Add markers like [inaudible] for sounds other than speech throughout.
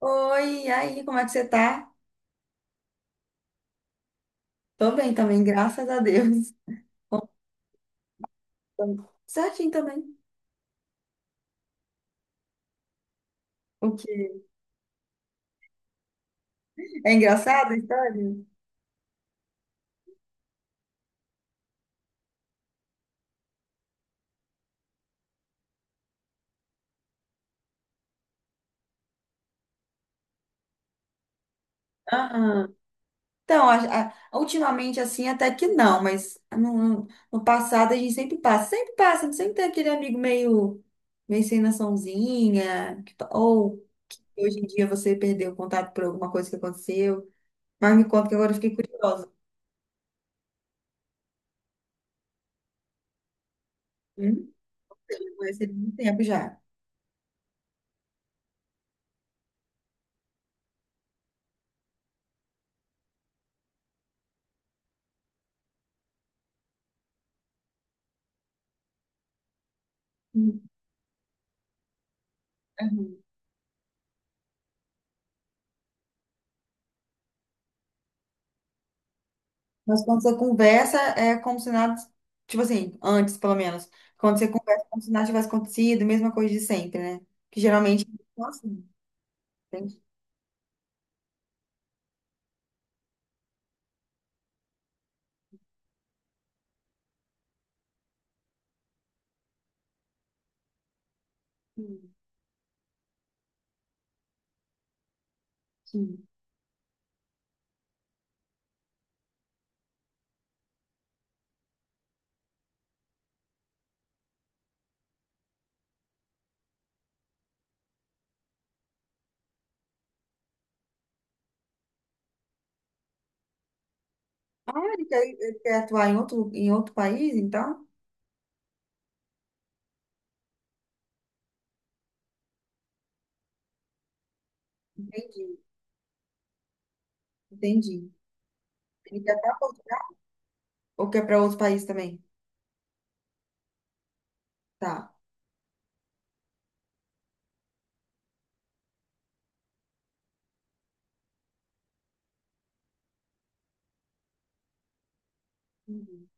Oi, e aí, como é que você tá? Tô bem também, graças a Deus. Tô Certinho também. O que? É engraçado a história? Aham. Então, ultimamente assim, até que não, mas no passado a gente sempre passa, sempre passa, sempre tem aquele amigo meio, meio sem noçãozinha, que pa- ou que hoje em dia você perdeu o contato por alguma coisa que aconteceu. Mas me conta que agora eu fiquei curiosa. Hum? Mas tem muito tempo já. Hum. Mas quando você conversa, é como se nada, tipo assim, antes pelo menos, quando você conversa, é como se nada tivesse acontecido, mesma coisa de sempre, né? Que geralmente, nossa, tem que... que- Ah, ele quer atuar em outro país, então? Entendi, entendi. Ele quer para Portugal ou quer para outro país também? Tá. Entendi.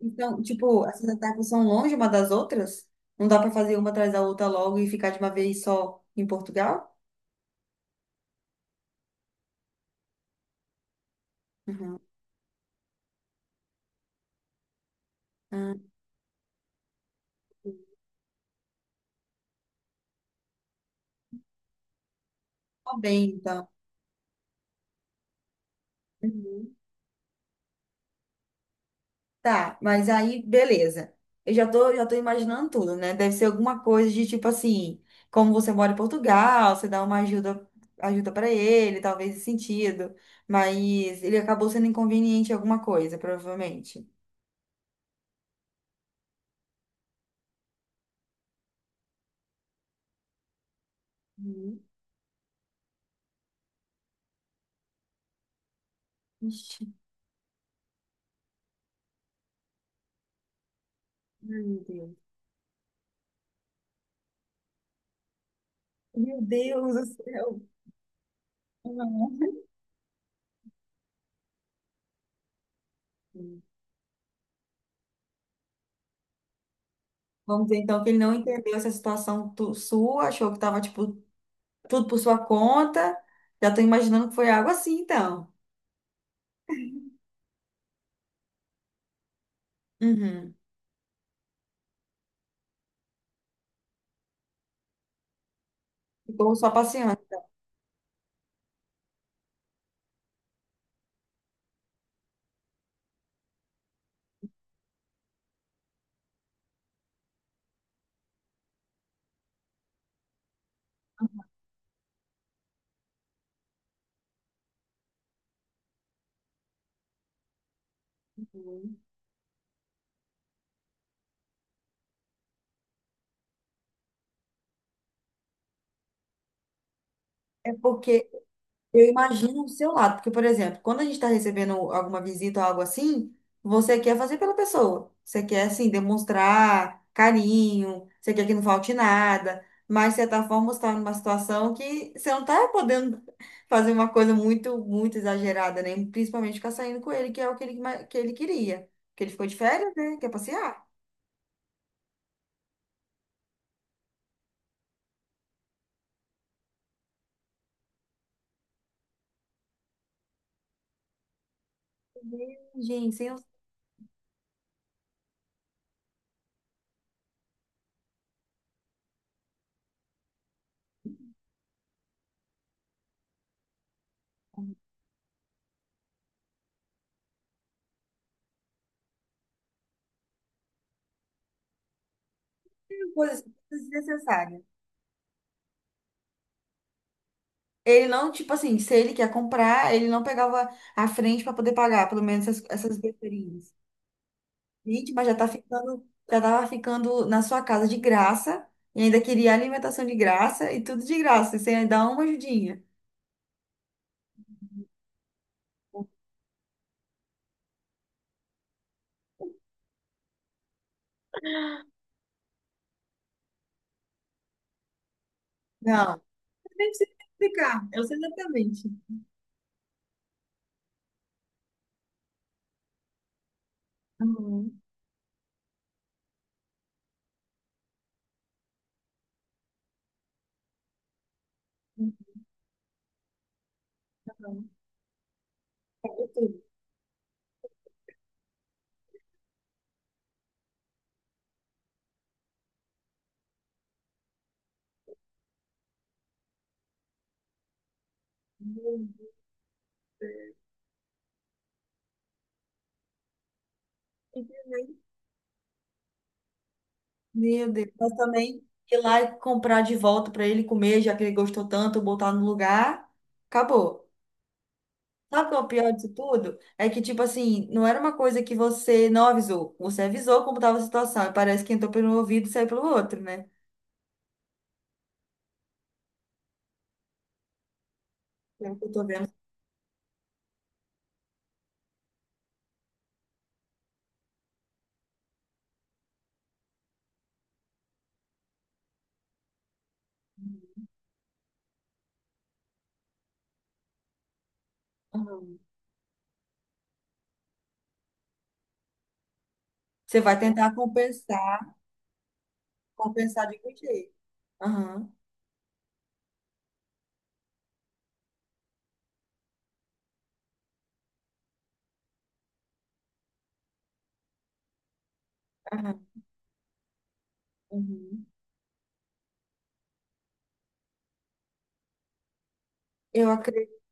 Então, tipo, essas etapas são longe uma das outras? Não dá para fazer uma atrás da outra logo e ficar de uma vez só em Portugal? Uhum. Ah, tá bem, então. Uhum. Tá, mas aí, beleza. Eu já tô imaginando tudo, né? Deve ser alguma coisa de tipo assim, como você mora em Portugal, você dá uma ajuda, ajuda para ele, talvez esse sentido. Mas ele acabou sendo inconveniente em alguma coisa, provavelmente. Uhum. Ixi, meu Deus. Meu Deus do céu. [laughs] Não. Vamos dizer então que ele não entendeu essa situação sua, achou que tava tipo tudo por sua conta. Já tô imaginando que foi algo assim, então. Uhum. Ficou só passeando. É porque eu imagino o seu lado. Porque, por exemplo, quando a gente está recebendo alguma visita ou algo assim, você quer fazer pela pessoa. Você quer, assim, demonstrar carinho, você quer que não falte nada. Mas, de certa forma, você está numa situação que você não está podendo fazer uma coisa muito, muito exagerada, né? Principalmente ficar saindo com ele, que é o que ele, que ele queria. Porque ele ficou de férias, né? Quer passear. Gente, sem coisas desnecessárias. Ele não, tipo assim, se ele quer comprar, ele não pegava a frente para poder pagar, pelo menos essas besteirinhas. Gente, mas já tá ficando, já tava ficando na sua casa de graça, e ainda queria alimentação de graça e tudo de graça, e sem ainda dar uma ajudinha. Não, nem precisa explicar, eu sei exatamente. Uhum. Então, pagou tudo. Uhum. Meu Deus, mas também ir lá e comprar de volta para ele comer, já que ele gostou tanto, botar no lugar, acabou. Sabe qual é o pior disso tudo? É que, tipo assim, não era uma coisa que você não avisou. Você avisou como estava a situação. E parece que entrou pelo um ouvido e saiu pelo outro, né? Pelo que eu tô vendo. Aham. Você vai tentar compensar. Compensar de que jeito? Aham. Aham. Uhum. Eu acredito.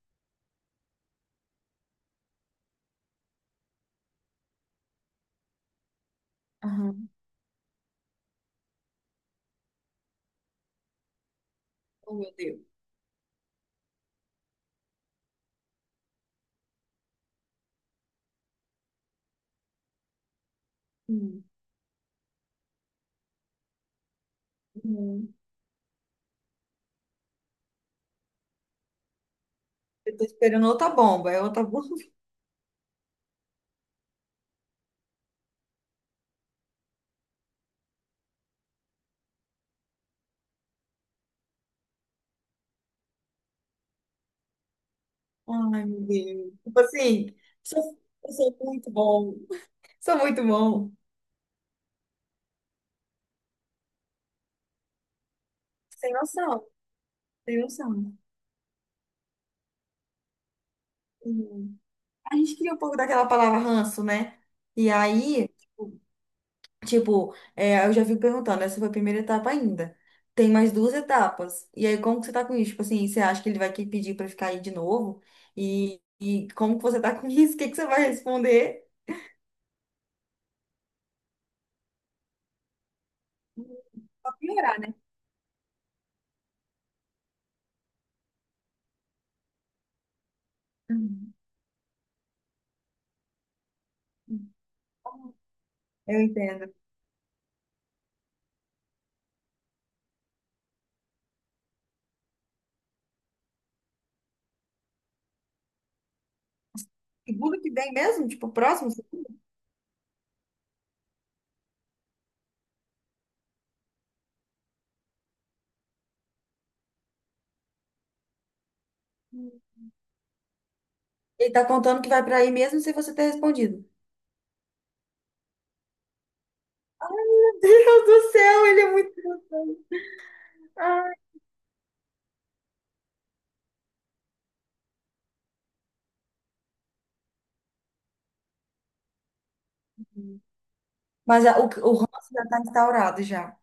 Aham. Oh, meu Deus. Hum. Uhum. Eu tô esperando outra bomba. É outra bomba. [laughs] Ai, meu Deus. Tipo assim, sou, eu sou muito bom. Sou muito bom. Sem noção. Sem noção. Uhum. A gente cria um pouco daquela palavra ranço, né? E aí, tipo, é, eu já fico perguntando, essa foi a primeira etapa ainda. Tem mais duas etapas. E aí, como que você tá com isso? Tipo assim, você acha que ele vai pedir pra ficar aí de novo? E como que você tá [laughs] com isso? O que que você vai responder? Pra piorar, né? Uhum. Eu entendo. Segundo que vem mesmo? Tipo, próximo? Uhum. Ele tá contando que vai pra aí mesmo sem você ter respondido. Meu Deus do céu, ele é muito. Ai. Mas o ranço já está instaurado já.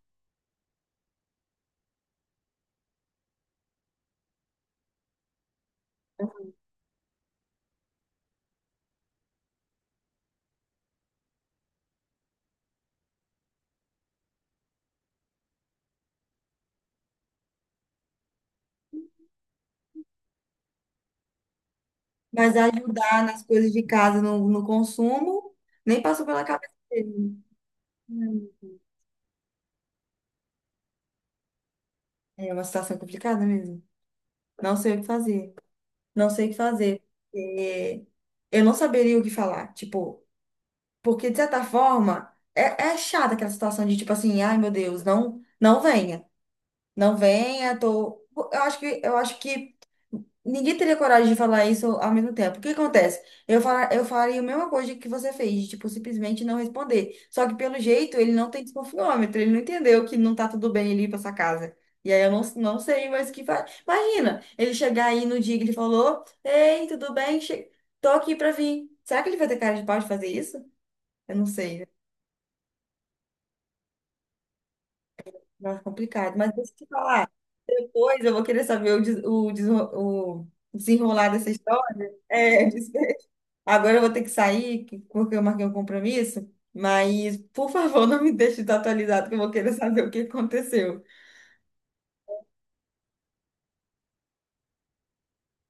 Mas ajudar nas coisas de casa, no, no consumo, nem passou pela cabeça dele. Hum. É uma situação complicada mesmo. Não sei o que fazer. Não sei o que fazer. É, eu não saberia o que falar. Tipo, porque de certa forma, é, é chata aquela situação de tipo assim, ai meu Deus, não, não venha. Não venha, tô. Eu acho que ninguém teria coragem de falar isso ao mesmo tempo. O que acontece? Eu faria a mesma coisa que você fez, de, tipo, simplesmente não responder. Só que pelo jeito ele não tem desconfiômetro, ele não entendeu que não tá tudo bem ele ir pra essa casa. E aí eu não, não sei mais o que faz. Imagina, ele chegar aí no dia que ele falou: Ei, tudo bem? Che... Tô aqui pra vir. Será que ele vai ter cara de pau de fazer isso? Eu não sei. Nossa, complicado. Mas deixa eu te falar. Depois eu vou querer saber o, desenrolar dessa história. É, [laughs] desfecho. Agora eu vou ter que sair, porque eu marquei um compromisso. Mas, por favor, não me deixe desatualizado, que eu vou querer saber o que aconteceu.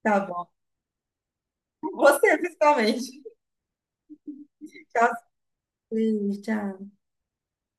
Tá bom. Você, principalmente. Tchau, Cris. Tchau.